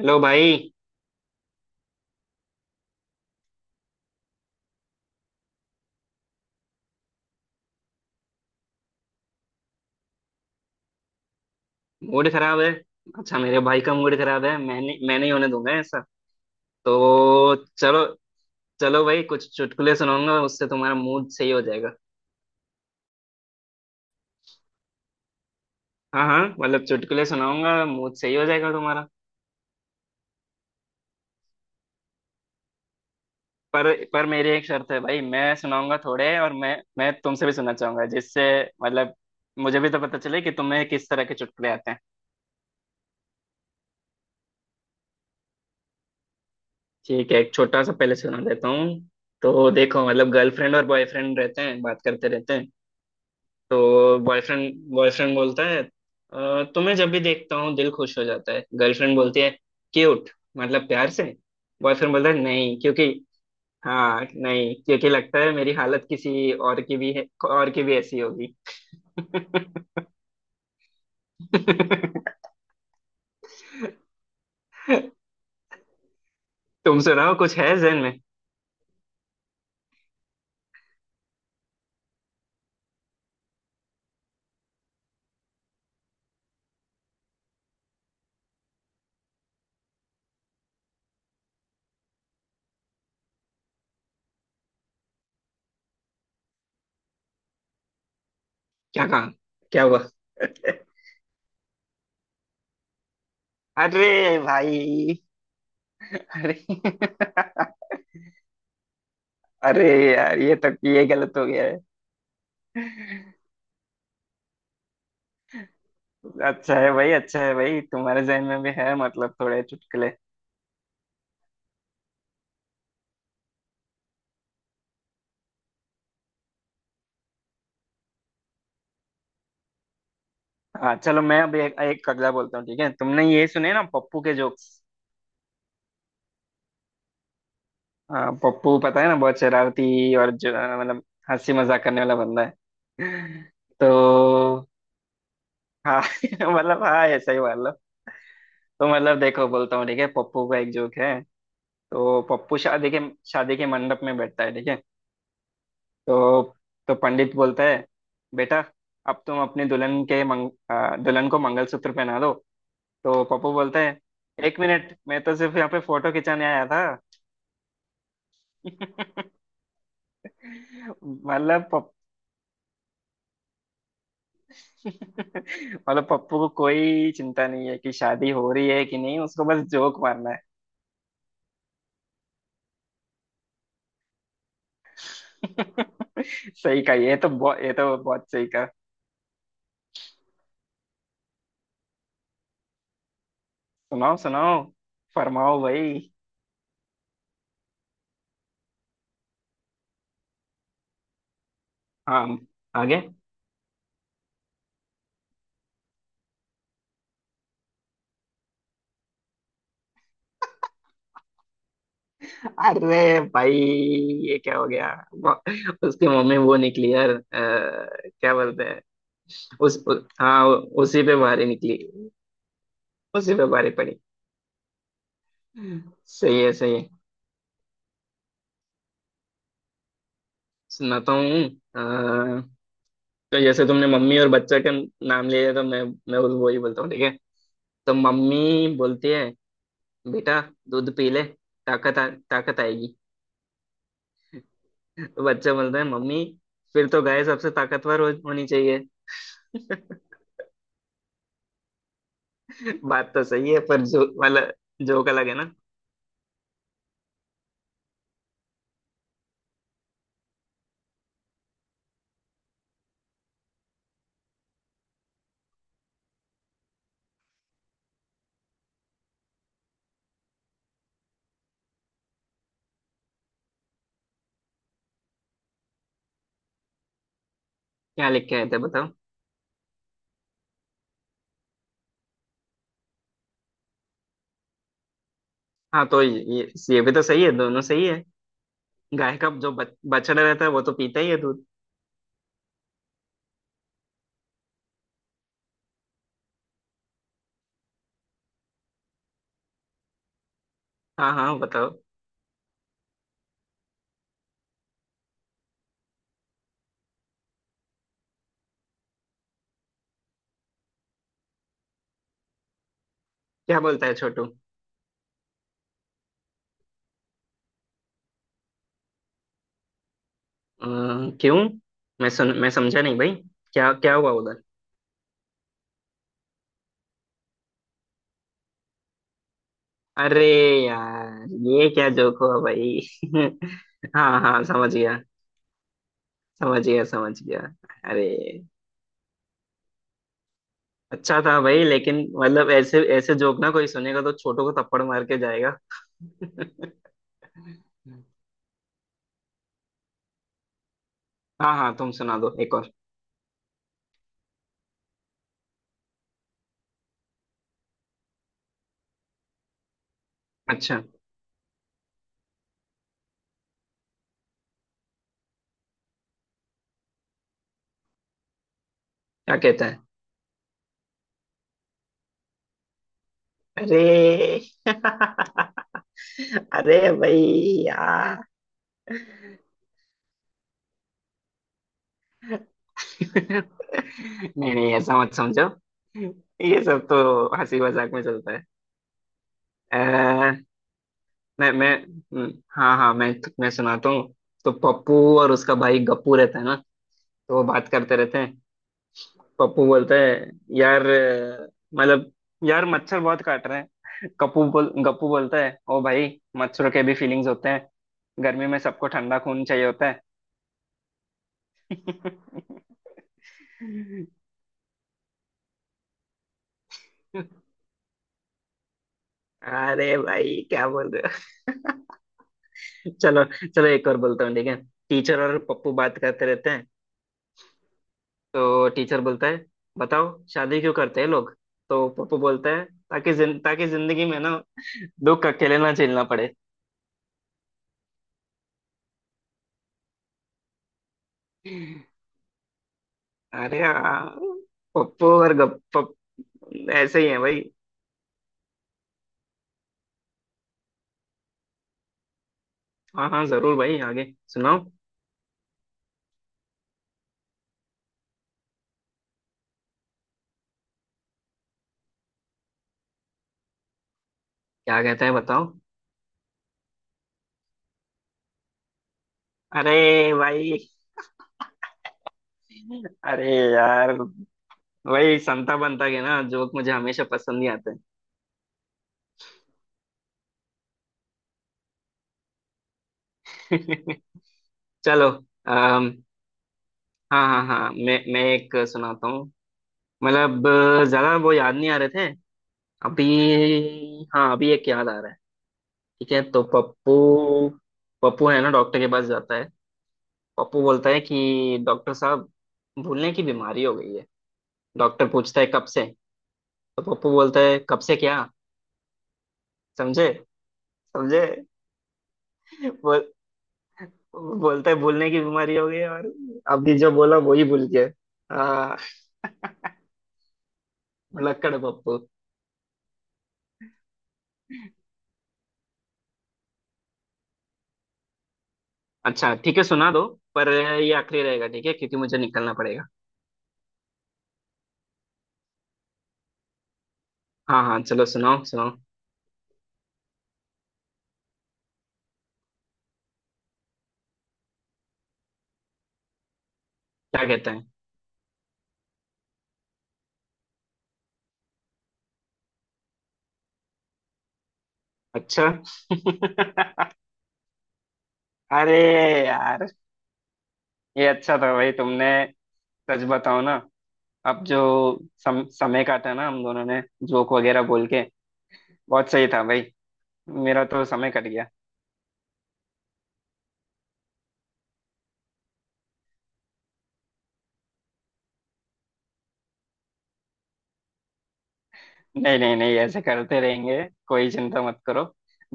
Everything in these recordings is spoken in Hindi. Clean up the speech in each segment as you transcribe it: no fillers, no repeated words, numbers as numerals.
हेलो भाई। मूड खराब है। अच्छा, मेरे भाई का मूड खराब है। मैंने मैं नहीं होने दूंगा ऐसा। तो चलो, चलो भाई, कुछ चुटकुले सुनाऊंगा उससे तुम्हारा मूड सही हो जाएगा। हाँ हाँ, चुटकुले सुनाऊंगा, मूड सही हो जाएगा तुम्हारा। पर पर मेरी एक शर्त है भाई, मैं सुनाऊंगा थोड़े और मैं तुमसे भी सुनना चाहूंगा, जिससे मतलब मुझे भी तो पता चले कि तुम्हें किस तरह के चुटकुले आते हैं। ठीक है, एक छोटा सा पहले सुना देता हूँ। तो देखो, गर्लफ्रेंड और बॉयफ्रेंड रहते हैं, बात करते रहते हैं। तो बॉयफ्रेंड बॉयफ्रेंड बोलता है " तुम्हें जब भी देखता हूँ दिल खुश हो जाता है। गर्लफ्रेंड बोलती है क्यूट, प्यार से। बॉयफ्रेंड बोलता है नहीं क्योंकि, हाँ नहीं क्योंकि लगता है मेरी हालत किसी और की भी है, और की भी ऐसी होगी। तुम सुनाओ, कुछ है जहन में। क्या कहा? क्या हुआ? अरे भाई! अरे अरे यार, ये तो ये गलत हो गया है। अच्छा है भाई, अच्छा है भाई, तुम्हारे जहन में भी है थोड़े चुटकुले। हाँ चलो, मैं अब एक, एक कगला बोलता हूँ ठीक है। तुमने ये सुने ना पप्पू के जोक्स? हाँ, पप्पू पता है ना, बहुत शरारती और जो, आ, मतलब हंसी मजाक करने वाला बंदा है। तो हाँ हाँ ऐसा ही मान लो। तो देखो बोलता हूँ ठीक है, पप्पू का एक जोक है। तो पप्पू शादी के, शादी के मंडप में बैठता है ठीक है। तो तो पंडित बोलता है, बेटा अब तुम अपने दुल्हन के दुल्हन को मंगलसूत्र पहना दो। तो पप्पू बोलता है, एक मिनट मैं तो सिर्फ यहाँ पे फोटो खिंचाने आया था। मतलब पप... पप्पू को कोई चिंता नहीं है कि शादी हो रही है कि नहीं, उसको बस जोक मारना है। सही कहा, ये तो बहुत, ये तो बहुत सही कहा। सुनाओ सुनाओ, फरमाओ भाई। हाँ, आगे। अरे भाई, ये क्या हो गया। वो- उसकी मम्मी वो निकली यार, क्या बोलते हैं। उस उ, हाँ, उसी पे भारी निकली, उसी पे भारी पड़ी। सही है, सही है। सुनाता हूँ। तो जैसे तुमने मम्मी और बच्चा का नाम लिया है, तो मैं उस वही बोलता हूँ ठीक है। तो मम्मी बोलती है बेटा, दूध पी ले ताकत आएगी। तो बच्चा बोलता है, मम्मी फिर तो गाय सबसे ताकतवर होनी चाहिए। बात तो सही है, पर जो वाला जोक अलग है ना। क्या लिख के आए थे बताओ? हाँ तो ये भी तो सही है, दोनों सही है। गाय का जो बछड़ा रहता है वो तो पीता ही है दूध। हाँ हाँ बताओ। क्या बोलता है छोटू? क्यों? मैं समझा नहीं भाई, क्या, क्या हुआ उधर? अरे यार, ये क्या जोक हुआ भाई। हाँ हाँ समझ गया, समझ गया, समझ गया। अरे! अच्छा था भाई, लेकिन ऐसे ऐसे जोक ना कोई सुनेगा तो छोटों को थप्पड़ मार के जाएगा। हाँ हाँ, तुम सुना दो एक और। अच्छा, क्या कहता है? अरे अरे भाई, यार! नहीं नहीं, ऐसा मत समझो, ये सब तो हंसी मजाक में चलता है। मैं हाँ हाँ, मैं सुनाता हूँ। तो पप्पू और उसका भाई गप्पू रहता है ना, तो वो बात करते रहते हैं। पप्पू बोलता है, यार अ, मतलब यार मच्छर बहुत काट रहे हैं। कप्पू बोल गप्पू बोलता है, ओ भाई, मच्छरों के भी फीलिंग्स होते हैं, गर्मी में सबको ठंडा खून चाहिए होता है। अरे भाई क्या बोल रहे हो। चलो चलो, एक और बोलता हूँ ठीक है। टीचर और पप्पू बात करते रहते हैं। तो टीचर बोलता है, बताओ शादी क्यों करते हैं लोग। तो पप्पू बोलता है, ताकि जिंदगी में ना दुख अकेले ना झेलना पड़े। अरे यार, पप्पू और गप ऐसे ही है भाई। हाँ हाँ जरूर भाई, आगे सुनाओ। क्या कहते हैं बताओ? अरे भाई, अरे यार, वही संता बनता के ना जोक मुझे हमेशा पसंद ही आते हैं। चलो, अम, हाँ हाँ हाँ, मैं एक सुनाता हूँ, ज्यादा वो याद नहीं आ रहे थे अभी। हाँ, अभी एक याद आ रहा है। ठीक है, तो पप्पू, पप्पू है ना डॉक्टर के पास जाता है। पप्पू बोलता है कि डॉक्टर साहब, भूलने की बीमारी हो गई है। डॉक्टर पूछता है कब से। तो पप्पू बोलता है, कब से क्या? समझे? समझे? बोल। बोलता है भूलने की बीमारी हो गई है, और अभी जो बोला वही भूल गया। हाँ, लक्कड़ है पप्पू। अच्छा ठीक है, सुना दो, पर ये आखिरी रहेगा ठीक है क्योंकि मुझे निकलना पड़ेगा। हाँ हाँ चलो, सुनाओ सुनाओ। क्या कहते हैं? अच्छा अरे यार, ये अच्छा था भाई तुमने। सच बताओ ना, अब जो समय काटा ना हम दोनों ने जोक वगैरह बोल के, बहुत सही था भाई, मेरा तो समय कट गया। नहीं नहीं नहीं, ऐसे करते रहेंगे, कोई चिंता मत करो।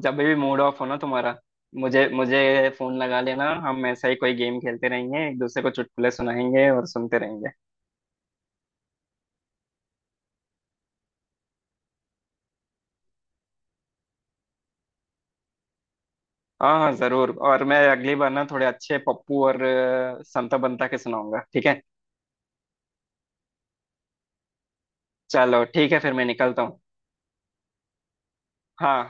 जब भी मूड ऑफ हो ना तुम्हारा, मुझे मुझे फोन लगा लेना, हम ऐसा ही कोई गेम खेलते रहेंगे, एक दूसरे को चुटकुले सुनाएंगे और सुनते रहेंगे। हाँ हाँ जरूर, और मैं अगली बार ना थोड़े अच्छे पप्पू और संता बंता के सुनाऊंगा ठीक है। चलो ठीक है, फिर मैं निकलता हूँ। हाँ।